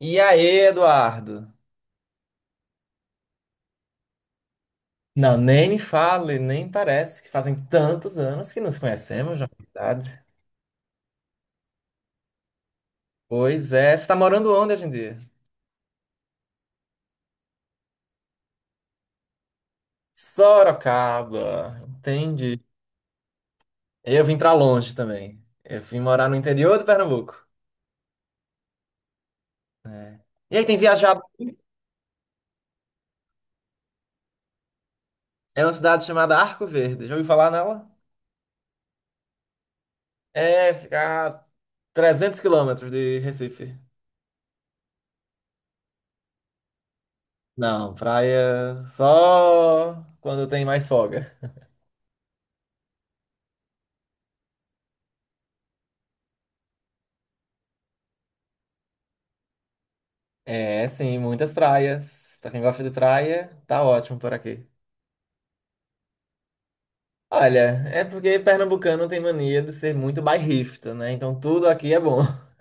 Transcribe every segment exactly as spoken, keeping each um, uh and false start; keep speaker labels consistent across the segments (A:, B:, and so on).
A: E aí, Eduardo? Não, nem me fale, nem parece que fazem tantos anos que nos conhecemos, na verdade. Pois é, você tá morando onde hoje em dia? Sorocaba, entendi. Eu vim pra longe também. Eu vim morar no interior do Pernambuco. E aí, tem viajado? É uma cidade chamada Arco Verde. Já ouviu falar nela? É, fica a trezentos quilômetros de Recife. Não, praia só quando tem mais folga. É, sim, muitas praias. Pra quem gosta de praia, tá ótimo por aqui. Olha, é porque pernambucano tem mania de ser muito bairrista, né? Então tudo aqui é bom.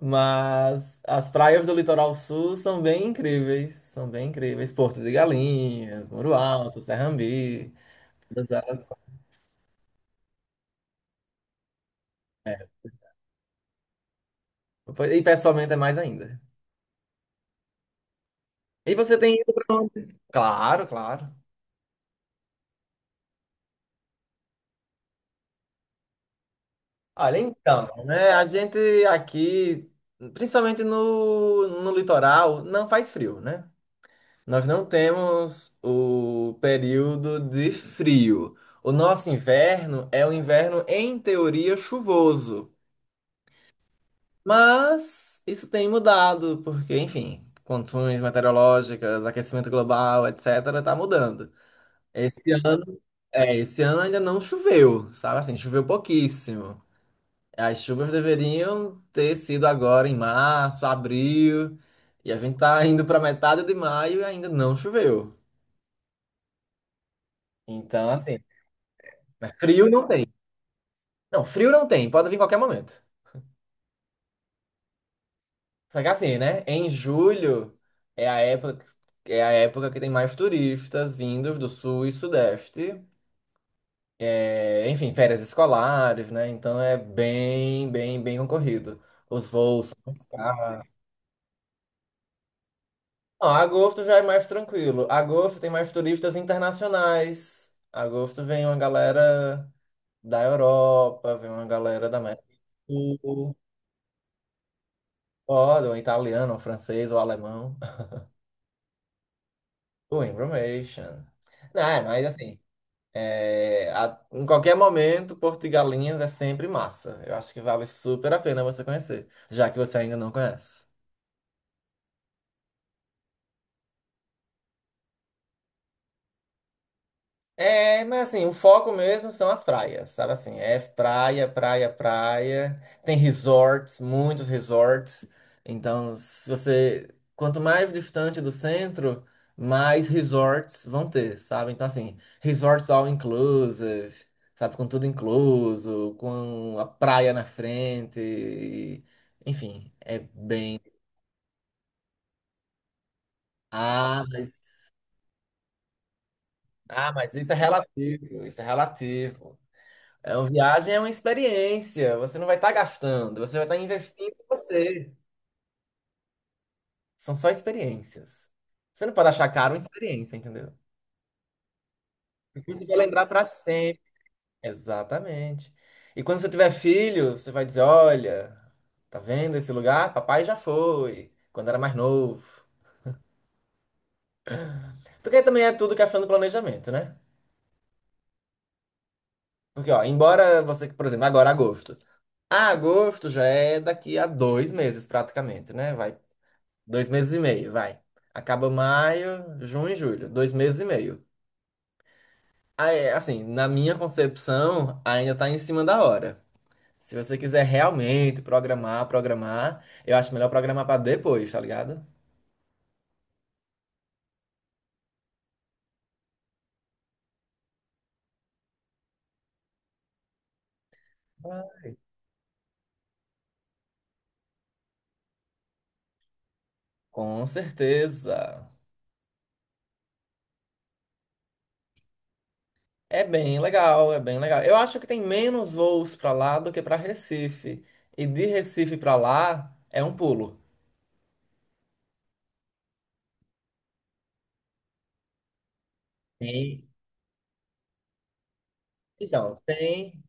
A: Mas as praias do litoral sul são bem incríveis. São bem incríveis. Porto de Galinhas, Muro Alto, Serrambi. todas elas são- Pois- E pessoalmente é mais ainda. E você tem ido pra onde? Claro, claro. Olha, então, né? A gente aqui, principalmente no, no litoral, não faz frio, né? Nós não temos o período de frio. O nosso inverno é um inverno, em teoria, chuvoso. Mas isso tem mudado, porque, enfim, condições meteorológicas, aquecimento global, etcétera, tá mudando. Esse ano, é, Esse ano ainda não choveu, sabe assim, choveu pouquíssimo. As chuvas deveriam ter sido agora em março, abril, e a gente tá indo pra metade de maio e ainda não choveu. Então, assim. Mas frio não tem. Não, frio não tem, pode vir em qualquer momento. Só que assim, né? Em julho é a época, é a época que tem mais turistas vindos do sul e sudeste. É, enfim, férias escolares, né? Então é bem, bem, bem concorrido. Os voos são mais caros. Não, agosto já é mais tranquilo. Agosto tem mais turistas internacionais. Agosto vem uma galera da Europa, vem uma galera da América do Sul. Pode, um italiano, um francês ou alemão. O Information. Não, é, mas assim, é, a- Em qualquer momento, Porto e Galinhas é sempre massa. Eu acho que vale super a pena você conhecer, já que você ainda não conhece. É, mas assim, o foco mesmo são as praias, sabe assim? É praia, praia, praia. Tem resorts, muitos resorts. Então, se você, Quanto mais distante do centro, mais resorts vão ter, sabe? Então, assim, resorts all inclusive, sabe? Com tudo incluso, com a praia na frente. Enfim, é bem. Ah, mas, ah, mas isso é relativo, isso é relativo. É uma viagem, é uma experiência. Você não vai estar gastando, você vai estar investindo em você. São só experiências. Você não pode achar caro uma experiência, entendeu? Porque você vai lembrar para sempre. Exatamente. E quando você tiver filhos, você vai dizer: olha, tá vendo esse lugar? Papai já foi, quando era mais novo. Porque também é tudo questão do planejamento, né? Porque, ó, embora você, por exemplo, agora agosto. Ah, agosto já é daqui a dois meses praticamente, né? Vai Dois meses e meio, vai. Acaba maio, junho e julho. Dois meses e meio. Aí, assim, na minha concepção, ainda tá em cima da hora. Se você quiser realmente programar, programar, eu acho melhor programar pra depois, tá ligado? Com certeza. É bem legal, é bem legal. Eu acho que tem menos voos pra lá do que pra Recife. E de Recife pra lá é um pulo. Tem. Então, tem.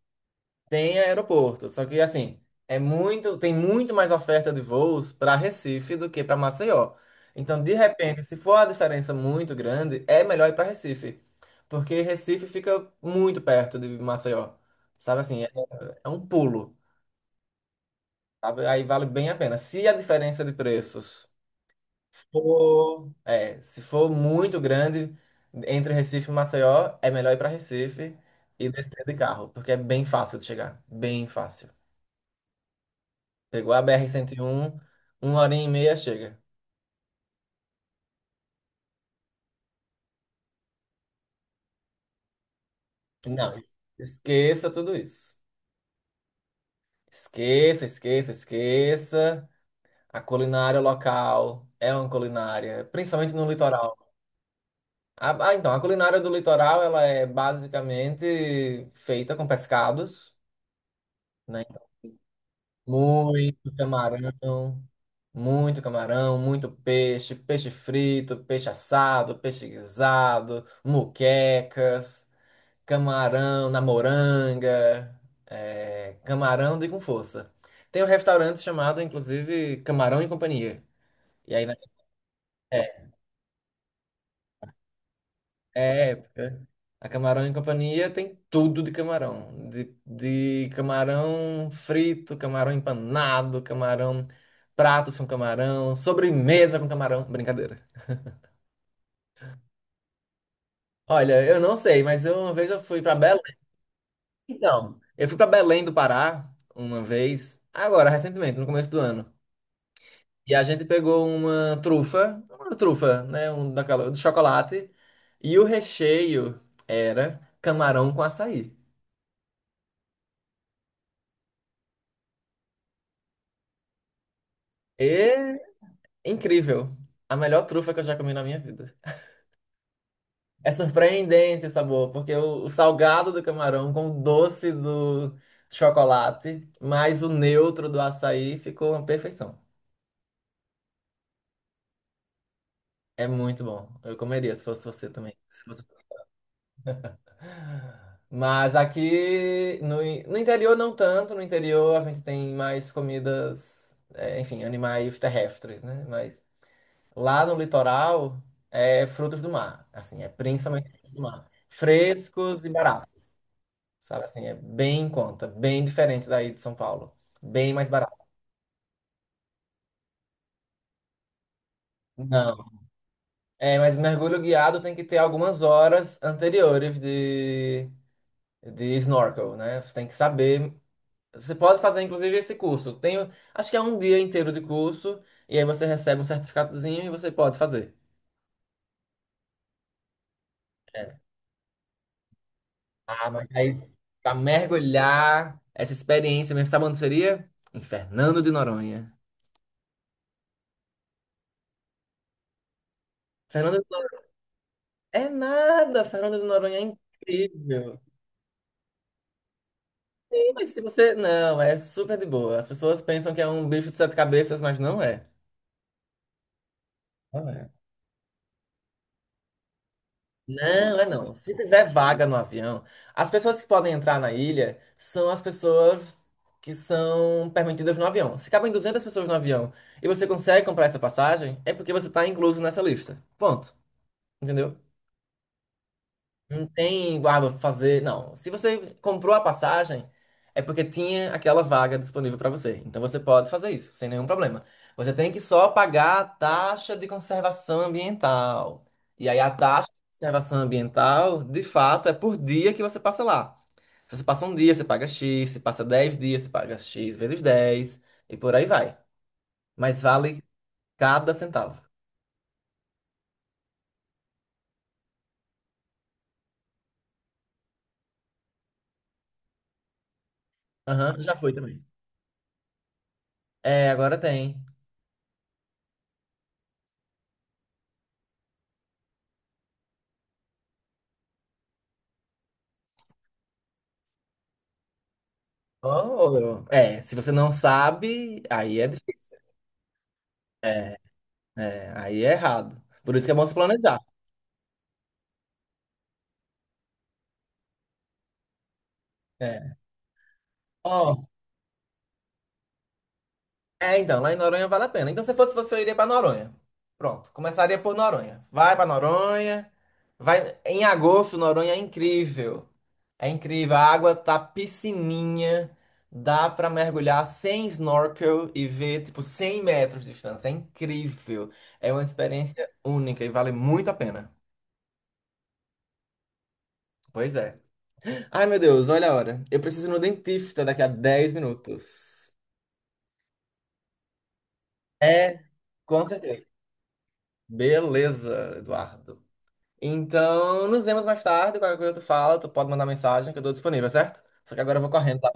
A: Tem aeroporto, só que assim, é muito, tem muito mais oferta de voos para Recife do que para Maceió. Então, de repente, se for a diferença muito grande, é melhor ir para Recife, porque Recife fica muito perto de Maceió. Sabe assim, é, é um pulo, sabe? Aí vale bem a pena. Se a diferença de preços for, é, Se for muito grande entre Recife e Maceió, é melhor ir para Recife e descer de carro, porque é bem fácil de chegar, bem fácil. Pegou a br um uma hora e meia chega. Não, esqueça tudo isso. Esqueça, esqueça, esqueça. A culinária local é uma culinária, principalmente no litoral. A- Ah, então, a culinária do litoral, ela é basicamente feita com pescados, né? Muito camarão, muito camarão, muito peixe, peixe frito, peixe assado, peixe guisado, muquecas. Camarão na moranga. É, camarão de com força. Tem um restaurante chamado, inclusive, Camarão e Companhia. E aí, na é, é época, A Camarão e Companhia tem tudo de camarão. De, de camarão frito, camarão empanado, camarão, pratos com camarão, sobremesa com camarão. Brincadeira. Olha, eu não sei, mas eu- uma vez eu fui para Belém. Então, eu fui para Belém do Pará uma vez, agora, recentemente, no começo do ano. E a gente pegou uma trufa, uma trufa, né? Um daquela, de chocolate. E o recheio era camarão com açaí. E incrível. A melhor trufa que eu já comi na minha vida. É surpreendente o sabor, porque o, o salgado do camarão com o doce do chocolate, mais o neutro do açaí, ficou uma perfeição. É muito bom. Eu comeria se fosse você também. Mas aqui no, in- no interior não tanto, no interior a gente tem mais comidas, é, enfim, animais terrestres, né? Mas lá no litoral é frutos do mar, assim, é principalmente frutos do mar. Frescos e baratos, sabe? Assim, é bem em conta, bem diferente daí de São Paulo, bem mais barato. Não. É, mas mergulho guiado tem que ter algumas horas anteriores de, de snorkel, né? Você tem que saber. Você pode fazer, inclusive, esse curso. Tem, acho que é um dia inteiro de curso, e aí você recebe um certificadozinho e você pode fazer. É. Ah, mas aí, pra mergulhar essa experiência mesmo, sabe onde seria? Em Fernando de Noronha. Fernando de Noronha é nada, Fernando de Noronha é incrível. Sim, mas se você. Não, é super de boa. As pessoas pensam que é um bicho de sete cabeças, mas não é. Não é. Não, é não. Se tiver vaga no avião, as pessoas que podem entrar na ilha são as pessoas que são permitidas no avião. Se cabem duzentas pessoas no avião e você consegue comprar essa passagem, é porque você está incluso nessa lista. Ponto. Entendeu? Não tem, ah, vou fazer. Não. Se você comprou a passagem, é porque tinha aquela vaga disponível para você. Então você pode fazer isso, sem nenhum problema. Você tem que só pagar a taxa de conservação ambiental. E aí a taxa de conservação ambiental, de fato, é por dia que você passa lá. Se você passa um dia, você paga X. Se passa dez dias, você paga X vezes dez. E por aí vai. Mas vale cada centavo. Aham, já foi também. É, agora tem. Oh, é, se você não sabe, aí é difícil. É, é, aí é errado. Por isso que é bom se planejar. É. Ó, é, então, lá em Noronha vale a pena. Então, se fosse você, eu iria pra Noronha. Pronto, começaria por Noronha. Vai pra Noronha. Vai em agosto, Noronha é incrível. É incrível, a água tá piscininha, dá pra mergulhar sem snorkel e ver tipo cem metros de distância. É incrível. É uma experiência única e vale muito a pena. Pois é. Ai, meu Deus, olha a hora. Eu preciso ir no dentista daqui a dez minutos. É, com certeza. Beleza, Eduardo. Então, nos vemos mais tarde. Qualquer coisa tu fala, tu pode mandar mensagem que eu tô disponível, certo? Só que agora eu vou correndo, tá?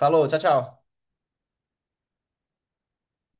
A: Falou, tchau, tchau.